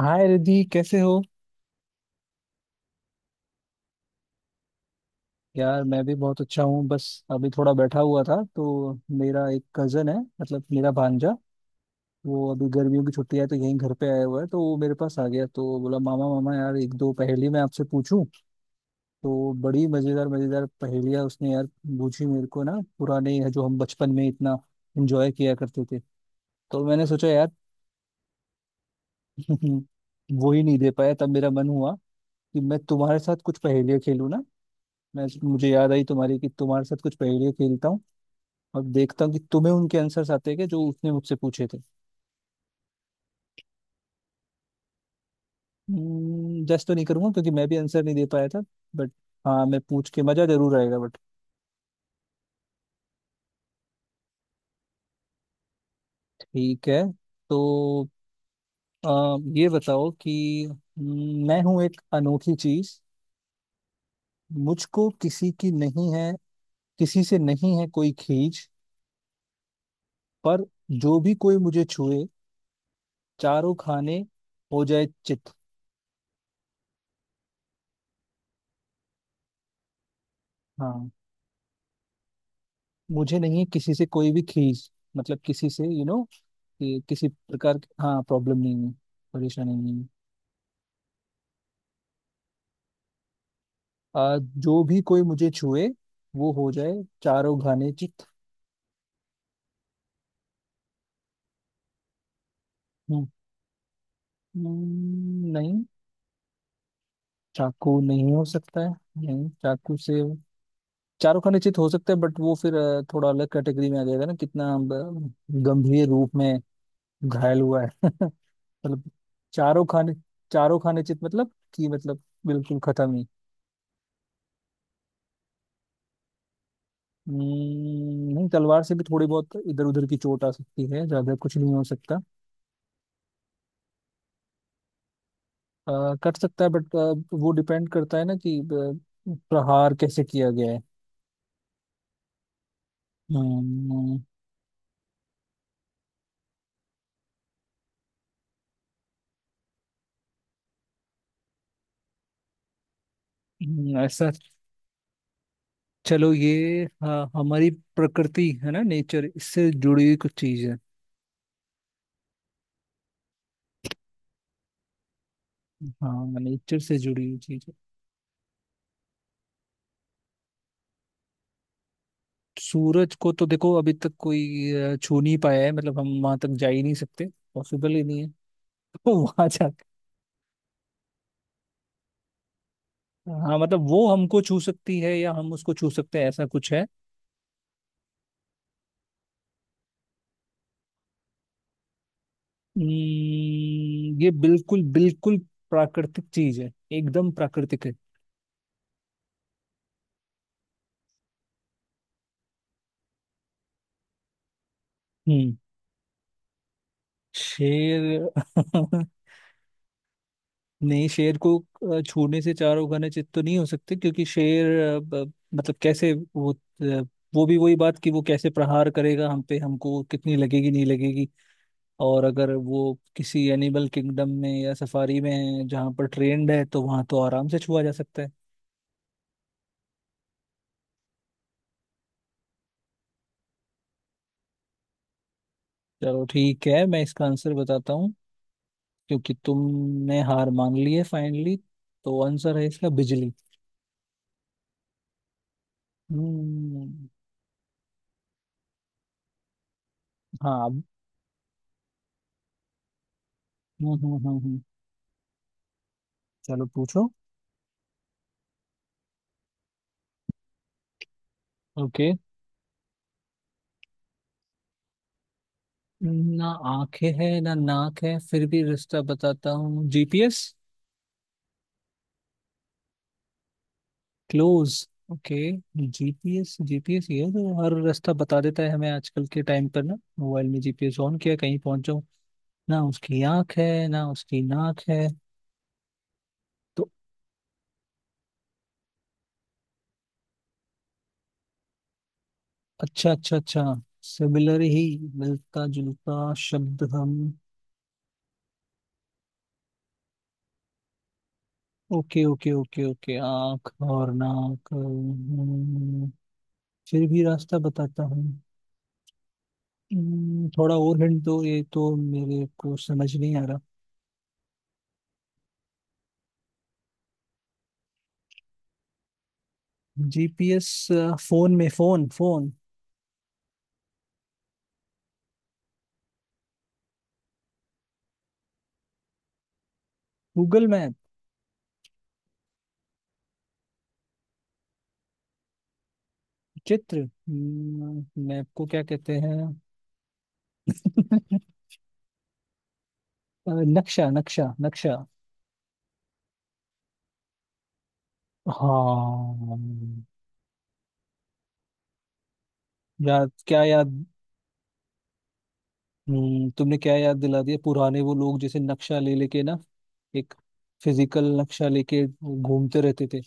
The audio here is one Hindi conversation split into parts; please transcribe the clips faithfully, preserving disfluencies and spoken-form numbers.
हाय रिद्धि कैसे हो। यार मैं भी बहुत अच्छा हूँ। बस अभी थोड़ा बैठा हुआ था तो मेरा एक कजन है, मतलब मेरा भांजा। वो अभी गर्मियों की छुट्टी है तो यहीं घर पे आया हुआ है, तो वो मेरे पास आ गया तो बोला मामा मामा यार एक दो पहेली मैं आपसे पूछूं। तो बड़ी मजेदार मजेदार पहेलियां उसने यार पूछी मेरे को ना। पुराने जो हम बचपन में इतना एंजॉय किया करते थे, तो मैंने सोचा यार। वो ही नहीं दे पाया तब मेरा मन हुआ कि मैं तुम्हारे साथ कुछ पहेलियां खेलूं ना। मैं मुझे याद आई तुम्हारी कि तुम्हारे साथ कुछ पहेलियां खेलता हूँ। अब देखता हूँ कि तुम्हें उनके आंसर्स आते हैं क्या जो उसने मुझसे पूछे थे। जस्ट तो नहीं करूंगा क्योंकि मैं भी आंसर नहीं दे पाया था, बट हाँ, मैं पूछ के मजा जरूर आएगा बट। ठीक है तो अ, ये बताओ कि हम्म, मैं हूं एक अनोखी चीज। मुझको किसी की नहीं है, किसी से नहीं है कोई खींच। पर जो भी कोई मुझे छुए चारों खाने हो जाए चित। हाँ, मुझे नहीं है किसी से कोई भी खींच। मतलब किसी से यू you नो कि किसी प्रकार की, हाँ, प्रॉब्लम नहीं है, परेशानी नहीं है। आ, जो भी कोई मुझे छुए वो हो जाए चारों घाने चित। हम्म, हम्म, नहीं, चाकू नहीं हो सकता है। नहीं चाकू से चारों खाने चित हो सकता है, बट वो फिर अ, थोड़ा अलग कैटेगरी में आ जाएगा ना। कितना ब- गंभीर रूप में घायल हुआ है। मतलब चारों खाने, चारों खाने चित मतलब कि मतलब बिल्कुल खत्म ही। हम्म, नहीं, तलवार से भी थोड़ी बहुत इधर उधर की चोट आ सकती है, ज्यादा कुछ नहीं हो सकता। अ, कट सकता है बट वो डिपेंड करता है ना कि अ, प्रहार कैसे किया गया है। हम्म, हम्म, ऐसा चलो, ये हाँ हमारी प्रकृति है ना, नेचर, इससे जुड़ी हुई कुछ चीज है। हाँ, नेचर से जुड़ी हुई चीज है। सूरज को तो देखो अभी तक कोई अ, छू नहीं पाया है, मतलब हम वहां तक जा ही नहीं सकते, पॉसिबल ही नहीं है। तो वहां जा, हाँ, मतलब वो हमको छू सकती है या हम उसको छू सकते हैं, ऐसा कुछ है। हम्म, ये बिल्कुल बिल्कुल प्राकृतिक चीज है, एकदम प्राकृतिक है। हम्म। शेर। नहीं, शेर को अ, छूने से चारों खाने चित तो नहीं हो सकते क्योंकि शेर अ, ब- मतलब कैसे वो, अ, वो भी वही बात कि वो कैसे प्रहार करेगा हम पे, हमको कितनी लगेगी नहीं लगेगी। और अगर वो किसी एनिमल किंगडम में या सफारी में है जहाँ पर ट्रेंड है तो वहां तो आराम से छुआ जा सकता है। चलो ठीक है, मैं इसका आंसर बताता हूँ क्योंकि तुमने हार मान ली है फाइनली। तो आंसर है इसका बिजली। हम्म। हाँ अब- हम्म हम्म हम्म हम्म। चलो पूछो। ओके। ना आंखें है ना नाक है फिर भी रास्ता बताता हूँ, GPS. Close. Okay, GPS, GPS ये है जो हर रास्ता बता देता है हमें आजकल के टाइम पर। ना मोबाइल में जीपीएस ऑन किया कहीं पहुंचो, ना उसकी आंख है ना उसकी नाक है। तो अच्छा अच्छा अच्छा, सिमिलर ही, मिलता जुलता शब्द हम। ओके ओके ओके ओके, आँख और नाक, हम्म, फिर भी रास्ता बताता हूँ। हम्म, थोड़ा और हिंट दो, ये तो मेरे को समझ नहीं आ रहा। जीपीएस फोन में, फोन फोन। Google map. चित्र, हम्म, मैप को क्या कहते हैं? अ, नक्शा, नक्शा नक्शा। हाँ। याद, क्या याद! हम्म, तुमने क्या याद दिला दिया, पुराने वो लोग जैसे नक्शा ले लेके ना, एक फिजिकल नक्शा लेके घूमते रहते थे,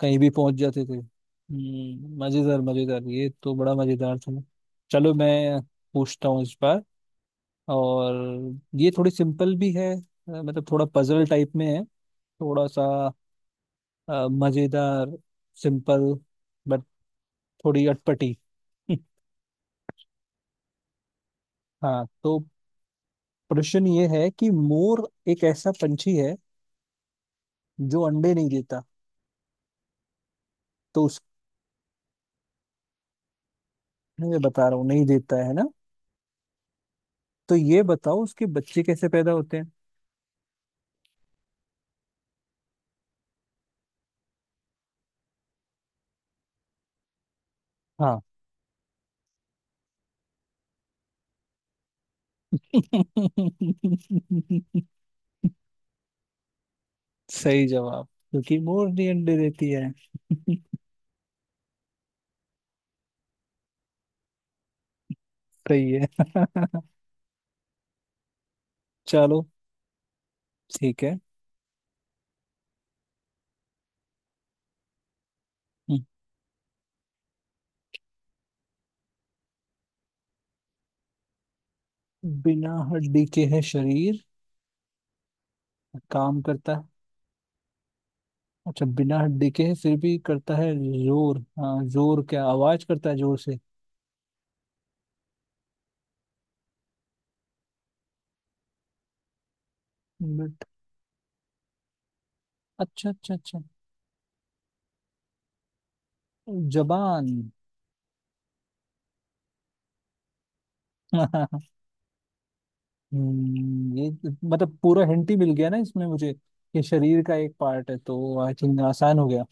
कहीं भी पहुंच जाते थे। हम्म, मजेदार मजेदार, ये तो बड़ा मजेदार था। चलो मैं पूछता हूँ इस बार, और ये थोड़ी सिंपल भी है। अ, मतलब थोड़ा पजल टाइप में है, थोड़ा सा अ, मजेदार, सिंपल बट थोड़ी अटपटी। हाँ तो प्रश्न ये है कि मोर एक ऐसा पंछी है जो अंडे नहीं देता। तो उस मैं बता रहा हूँ नहीं देता है ना। तो ये बताओ उसके बच्चे कैसे पैदा होते हैं। हाँ। सही जवाब, क्योंकि मोर नहीं अंडे देती है। सही है। चलो। ठीक है। हम्म। बिना हड्डी के है शरीर, काम करता है। अच्छा, बिना हड्डी के है फिर भी करता है जोर, हाँ जोर क्या, आवाज करता है जोर से? बट अच्छा अच्छा अच्छा, जबान। हम्म, ये तो मतलब पूरा हिंट ही मिल गया ना इसमें मुझे, ये शरीर का एक पार्ट है तो आई थिंक आसान हो गया।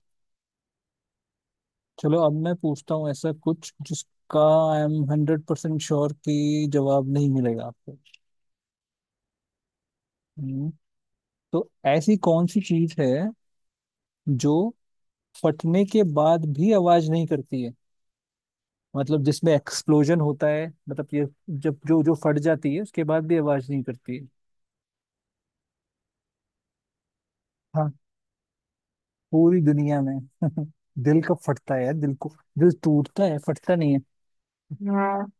चलो अब मैं पूछता हूँ ऐसा कुछ जिसका I am hundred percent sure कि जवाब नहीं मिलेगा आपको। हम्म, तो ऐसी कौन सी चीज है जो फटने के बाद भी आवाज नहीं करती है। मतलब जिसमें एक्सप्लोजन होता है, मतलब ये जब जो जो फट जाती है उसके बाद भी आवाज नहीं करती है। हाँ, पूरी दुनिया में। दिल कब फटता है यार, दिल को, दिल टूटता है फटता नहीं है। हाँ।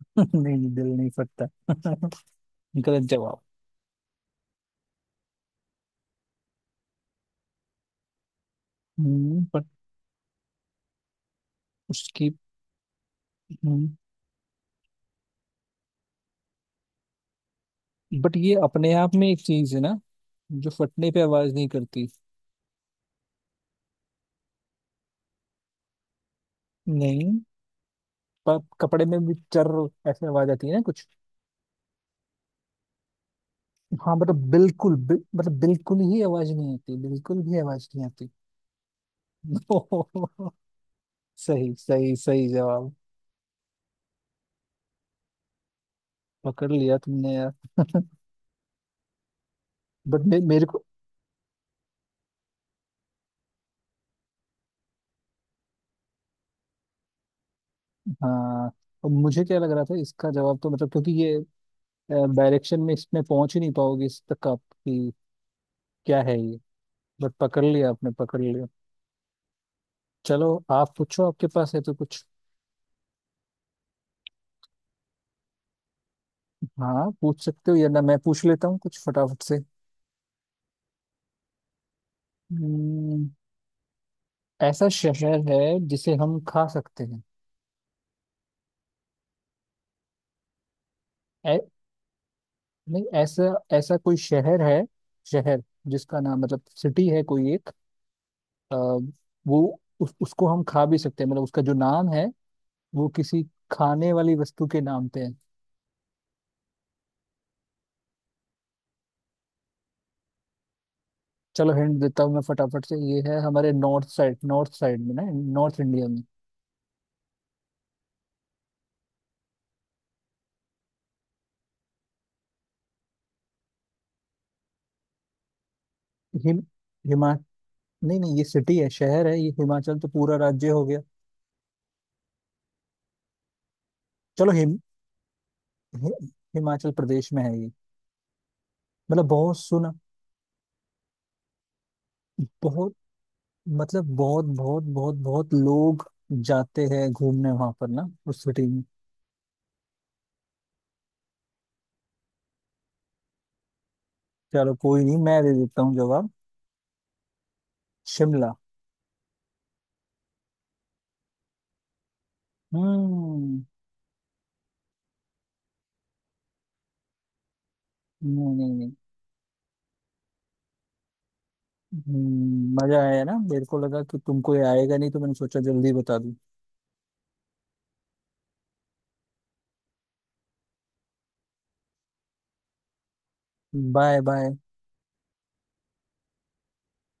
नहीं दिल नहीं फटता। गलत जवाब। हम्म, पर उसकी, हम्म, बट ये अपने आप में एक चीज है ना जो फटने पे आवाज नहीं करती। नहीं, पर कपड़े में भी चर ऐसे आवाज आती है ना कुछ। हाँ मतलब बिल्कुल बिल, मतलब बिल्कुल ही आवाज नहीं आती, बिल्कुल भी आवाज नहीं आती। सही सही सही जवाब, पकड़ लिया तुमने यार। बट मे, मेरे को हाँ, अब मुझे क्या लग रहा था इसका जवाब, तो मतलब क्योंकि ये डायरेक्शन में इसमें पहुंच ही नहीं पाओगे इस तक आप कि क्या है ये, बट पकड़ लिया, आपने पकड़ लिया। चलो आप पूछो, आपके पास है तो कुछ। हाँ पूछ सकते हो, या ना मैं पूछ लेता हूँ कुछ फटाफट से। हम्म, ऐसा शहर है जिसे हम खा सकते हैं। ऐ, नहीं ऐसा, ऐसा कोई शहर है, शहर जिसका नाम, मतलब सिटी है कोई एक, अ, वो उस, उसको हम खा भी सकते हैं, मतलब उसका जो नाम है वो किसी खाने वाली वस्तु के नाम पे है। चलो हिंट देता हूँ मैं फटाफट से, ये है हमारे नॉर्थ साइड, नॉर्थ साइड में ना, नॉर्थ इंडिया में। हिम हिमा नहीं नहीं, ये सिटी है, शहर है ये, हिमाचल तो पूरा राज्य हो गया। चलो, हिम हि- हिमाचल प्रदेश में है ये, मतलब बहुत सुना, बहुत, मतलब बहुत बहुत बहुत बहुत लोग जाते हैं घूमने वहां पर ना उस सिटी में। चलो कोई नहीं, मैं दे देता हूँ जवाब, शिमला। हम्म। नहीं नहीं नहीं। हम्म, मजा आया, ना मेरे को लगा कि तुमको ये आएगा नहीं तो मैंने सोचा जल्दी बता दूं। Bye bye.